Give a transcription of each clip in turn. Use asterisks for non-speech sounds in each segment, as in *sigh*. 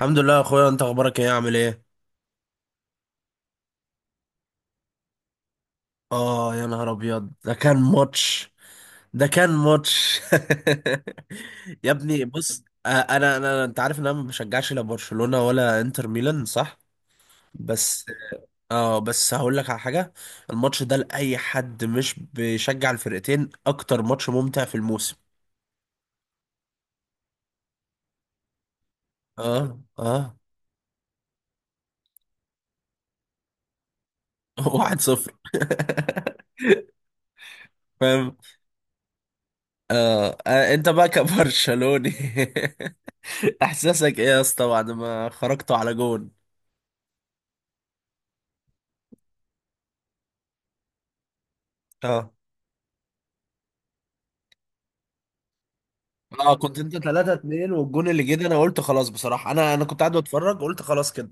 الحمد لله يا اخويا، انت اخبارك ايه؟ عامل ايه؟ اه يا نهار ابيض، ده كان ماتش. ده كان ماتش. *laughs* يا ابني بص، انا انت عارف ان انا ما بشجعش لا برشلونة ولا انتر ميلان، صح؟ بس اه بس هقول لك على حاجة. الماتش ده لاي حد مش بيشجع الفرقتين اكتر ماتش ممتع في الموسم. اه اه. *laughs* 1-0. فاهم؟ آه. آه، انت بقى كبرشلوني. *laughs* احساسك ايه يا اسطى بعد ما خرجتوا على جون؟ اه اه، كنت انت 3-2 والجون اللي جه ده، انا قلت خلاص. بصراحه انا كنت قاعد بتفرج، قلت خلاص كده.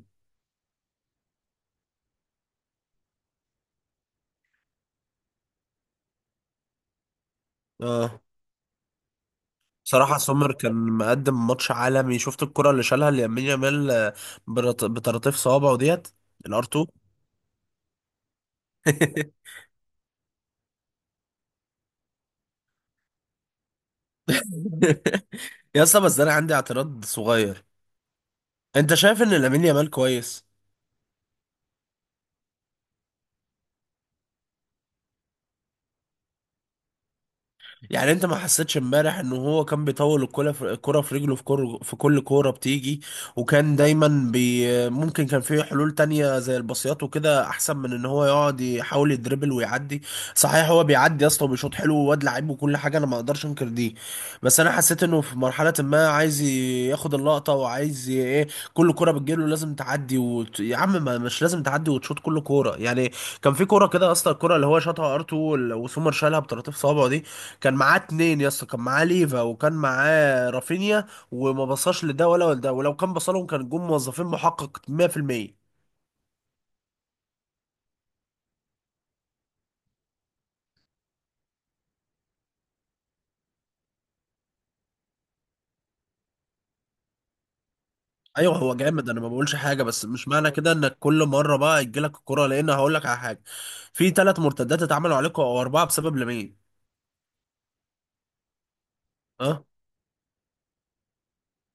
اه. بصراحه سومر كان مقدم ماتش عالمي، شفت الكره اللي شالها لامين يامال. بطراطيف صوابعه ديت. الار 2. *laughs* يا اسطى بس انا عندي اعتراض صغير. انت شايف ان لامين يامال كويس؟ يعني انت ما حسيتش امبارح ان هو كان بيطول الكرة في الكرة في رجله في كل كورة بتيجي؟ وكان دايما ممكن كان فيه حلول تانية زي الباصيات وكده احسن من ان هو يقعد يحاول يدربل ويعدي. صحيح هو بيعدي يا اسطى وبيشوط حلو وواد لعيب وكل حاجة، انا ما اقدرش انكر دي. بس انا حسيت انه في مرحلة ما عايز ياخد اللقطة وعايز ايه، كل كرة بتجيله لازم تعدي يا عم، ما مش لازم تعدي وتشوط كل كورة يعني. كان في كورة كده يا اسطى، الكورة اللي هو شاطها ار2 وسومر شالها بطراطيف صوابعه دي. كان معاه اتنين يا اسطى، كان معاه ليفا وكان معاه رافينيا، وما بصاش لده ولا لده، ولو كان بصلهم كان جم موظفين، محقق 100%. ايوه، هو جامد انا ما بقولش حاجه، بس مش معنى كده انك كل مره بقى يجيلك الكره، لان هقول لك على حاجه. في ثلاث مرتدات اتعملوا عليكم او اربعه بسبب لمين؟ اه.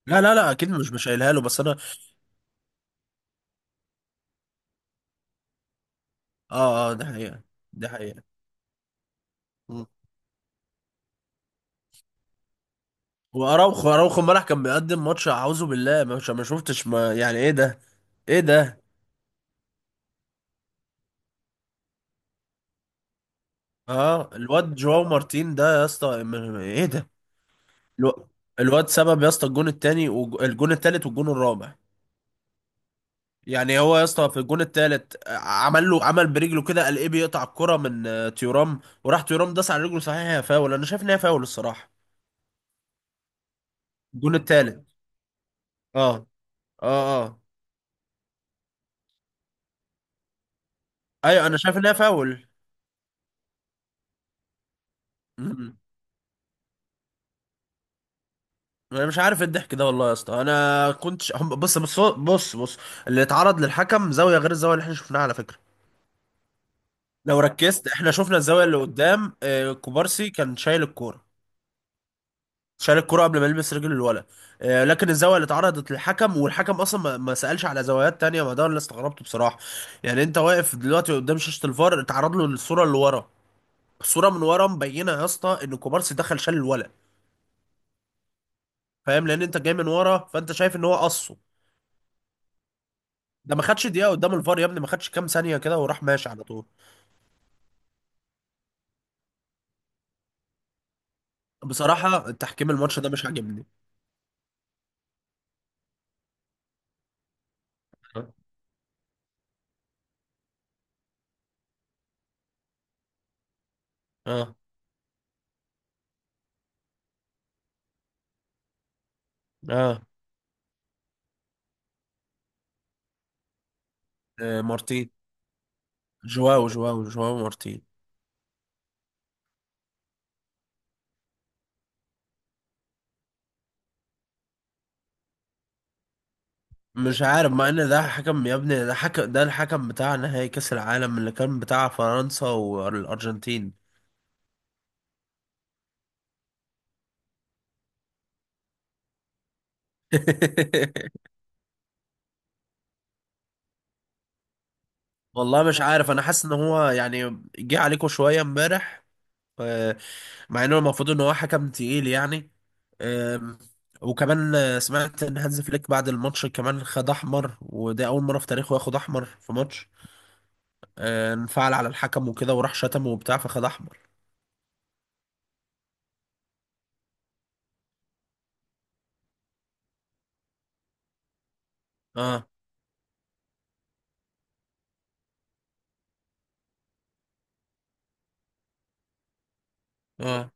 لا لا لا، اكيد مش مش شايلها له، بس انا. اه اه. ده حقيقه. ده حقيقه. مم. واراوخو اراوخو امبارح كان بيقدم ماتش اعوذ بالله، مش ما شفتش ما، يعني ايه ده؟ ايه ده؟ اه الواد جواو مارتين ده يا اسطى، ايه ده؟ الو- الواد سبب يا اسطى الجون التاني والجون التالت والجون الرابع. يعني هو يا اسطى في الجون التالت عمل له، عمل برجله كده القيب يقطع الكرة من تيورام، وراح تيورام داس على رجله، صحيح هي فاول، انا شايف ان هي فاول الصراحة. الجون التالت. اه اه اه. ايوه انا شايف ان هي فاول. م- انا مش عارف إيه الضحك ده والله يا اسطى، انا كنتش بص بص بص بص، اللي اتعرض للحكم زاوية غير الزاوية اللي احنا شفناها على فكرة. لو ركزت، احنا شفنا الزاويه اللي قدام كوبارسي كان شايل الكوره، شايل الكوره قبل ما يلمس رجل الولد. لكن الزاويه اللي اتعرضت للحكم، والحكم اصلا ما سالش على زوايات تانية، ما ده اللي استغربته بصراحه. يعني انت واقف دلوقتي قدام شاشه الفار، اتعرض له الصوره اللي ورا، الصوره من ورا مبينه يا اسطى ان كوبارسي دخل شال الولد، فاهم؟ لان انت جاي من ورا، فانت شايف ان هو قصه. ده ما خدش دقيقه قدام الفار يا ابني، ما خدش كام ثانيه كده وراح ماشي على طول. بصراحه تحكيم الماتش ده مش عاجبني. اه اه. مارتين. جواو مارتين. مش عارف، مع ان ده حكم يا ابني، ده حكم، ده الحكم بتاع نهائي كاس العالم اللي كان بتاع فرنسا والارجنتين. *laughs* والله مش عارف، انا حاسس ان هو يعني جه عليكم شويه امبارح آه، مع انه المفروض ان هو حكم تقيل يعني آم، وكمان سمعت ان هانز فليك بعد الماتش كمان خد احمر، وده اول مره في تاريخه ياخد احمر في ماتش. انفعل على الحكم وكده وراح شتمه وبتاع، فخد احمر. اه اه.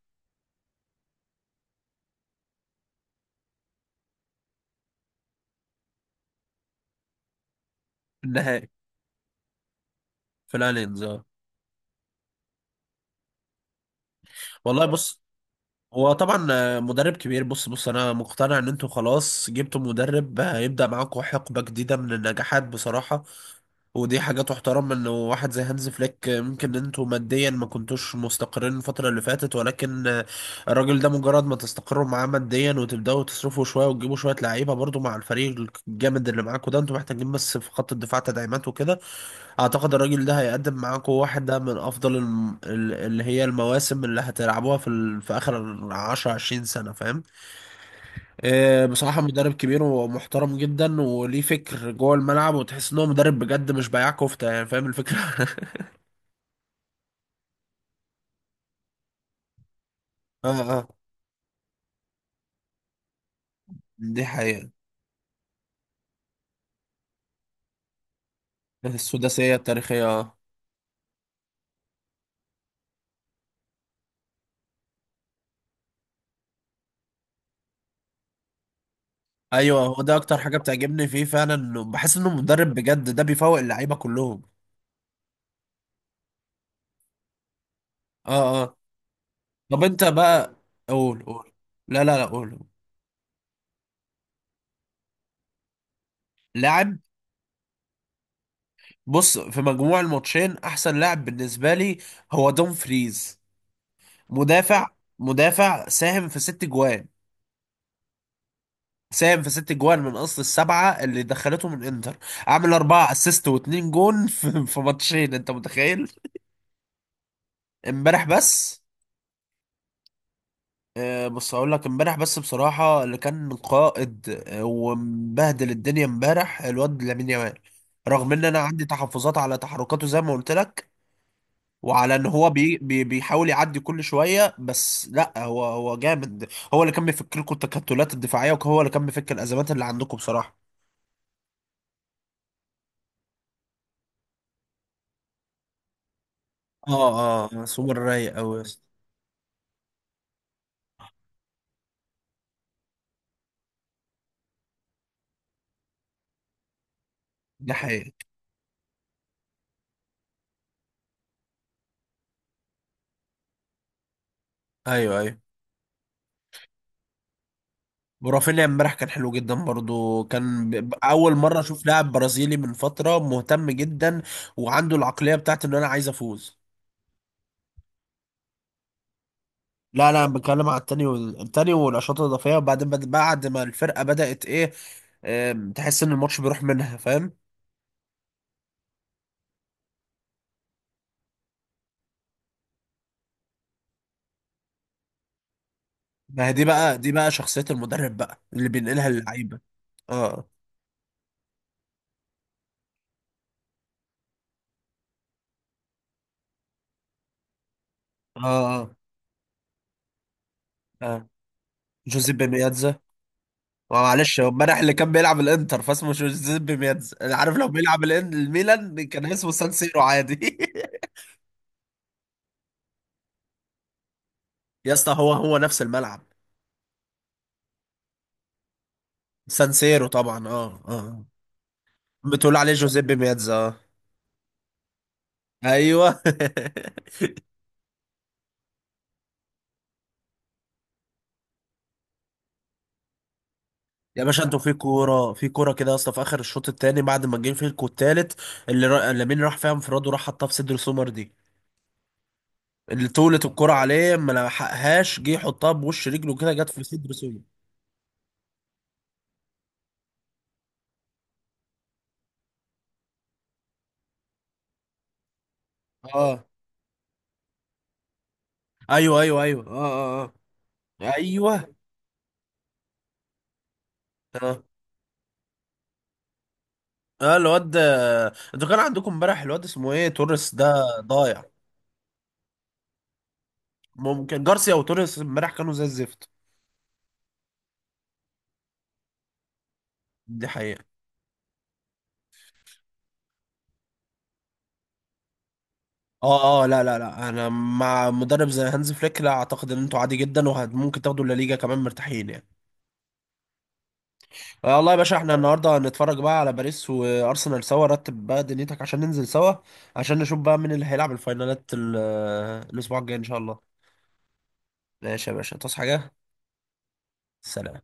النهائي في الالينز، اه. والله بص، هو طبعا مدرب كبير. بص بص، انا مقتنع ان انتوا خلاص جبتوا مدرب هيبدأ معاكم حقبة جديدة من النجاحات بصراحة. ودي حاجة تحترم، ان واحد زي هانز فليك، ممكن ان انتوا ماديا ما كنتوش مستقرين الفترة اللي فاتت، ولكن الراجل ده مجرد ما تستقروا معاه ماديا وتبدأوا تصرفوا شوية وتجيبوا شوية لعيبة، برضو مع الفريق الجامد اللي معاكم ده انتوا محتاجين بس في خط الدفاع تدعيمات وكده، اعتقد الراجل ده هيقدم معاكم واحدة من افضل اللي هي المواسم اللي هتلعبوها في اخر 10 20 سنة، فاهم؟ إيه، بصراحة مدرب كبير ومحترم جدا وليه فكر جوه الملعب، وتحس ان هو مدرب بجد مش بياع كفتة، يعني فاهم الفكرة. *laughs* اه اه. دي حقيقة. السداسية التاريخية، اه. ايوه هو ده اكتر حاجة بتعجبني فيه فعلا، انه بحس انه مدرب بجد ده بيفوق اللعيبة كلهم. اه اه. طب انت بقى، قول قول. لا لا لا، قول. لاعب؟ بص، في مجموع الماتشين احسن لاعب بالنسبه لي هو دوم فريز. مدافع. مدافع ساهم في ست جوان. ساهم في ست جوان من اصل السبعه اللي دخلته من انتر. عامل اربعه اسيست واتنين جون *laughs* في ماتشين، انت متخيل! امبارح بس. بص هقول لك، امبارح بس بصراحه اللي كان قائد ومبهدل الدنيا امبارح الواد لامين يامال. رغم ان انا عندي تحفظات على تحركاته زي ما قلت لك، وعلى ان هو بي بي بيحاول يعدي كل شويه، بس لا هو جامد. هو اللي كان بيفكر لكم التكتلات الدفاعيه، وهو اللي كان بيفكر الازمات اللي عندكم بصراحه. اه اه. سوبر رايق قوي. ده حقيقي. ايوه ايوه. ورافينيا امبارح كان حلو جدا برضو، كان اول مره اشوف لاعب برازيلي من فتره مهتم جدا وعنده العقليه بتاعت ان انا عايز افوز. لا لا، انا بتكلم على التاني التاني والاشواط الاضافيه، وبعدين بعد ما الفرقه بدات ايه، تحس ان الماتش بيروح منها، فاهم. ما هي دي بقى شخصية المدرب بقى اللي بينقلها اللعيبة. اه اه اه اه. جوزيبي ميادزا. معلش، هو امبارح اللي كان بيلعب الانتر فاسمه جوزيبي ميادزا، انا عارف، لو بيلعب الميلان كان اسمه سان سيرو عادي. *laughs* يا اسطى، هو هو نفس الملعب. سان سيرو طبعا، اه اه. بتقول عليه جوزيبي ميادزا، اه. ايوه. *laughs* يا باشا انتوا في كوره كده يا اسطى، في اخر الشوط الثاني بعد ما جه فيكوا الثالث، لامين راح فيها انفراد وراح حطها في صدر سومر دي. طولة الكرة عليه ما لحقهاش، جه يحطها بوش رجله كده، جت في صدر سوبر. اه ايوه ايوه ايوه اه اه اه ايوه اه اه. انتوا كان عندكم امبارح الواد اسمه ايه توريس ده. ضايع. ممكن جارسيا وتوريس امبارح كانوا زي الزفت. دي حقيقة. اه اه. لا لا لا، انا مع مدرب زي هانز فليك، لا اعتقد ان انتوا عادي جدا، وممكن تاخدوا الليجا كمان مرتاحين يعني. آه والله يا باشا، احنا النهارده هنتفرج بقى على باريس وارسنال سوا، رتب بقى دنيتك عشان ننزل سوا، عشان نشوف بقى مين اللي هيلعب الفاينالات الاسبوع الجاي ان شاء الله. ماشي يا باشا، تصحى حاجه. سلام.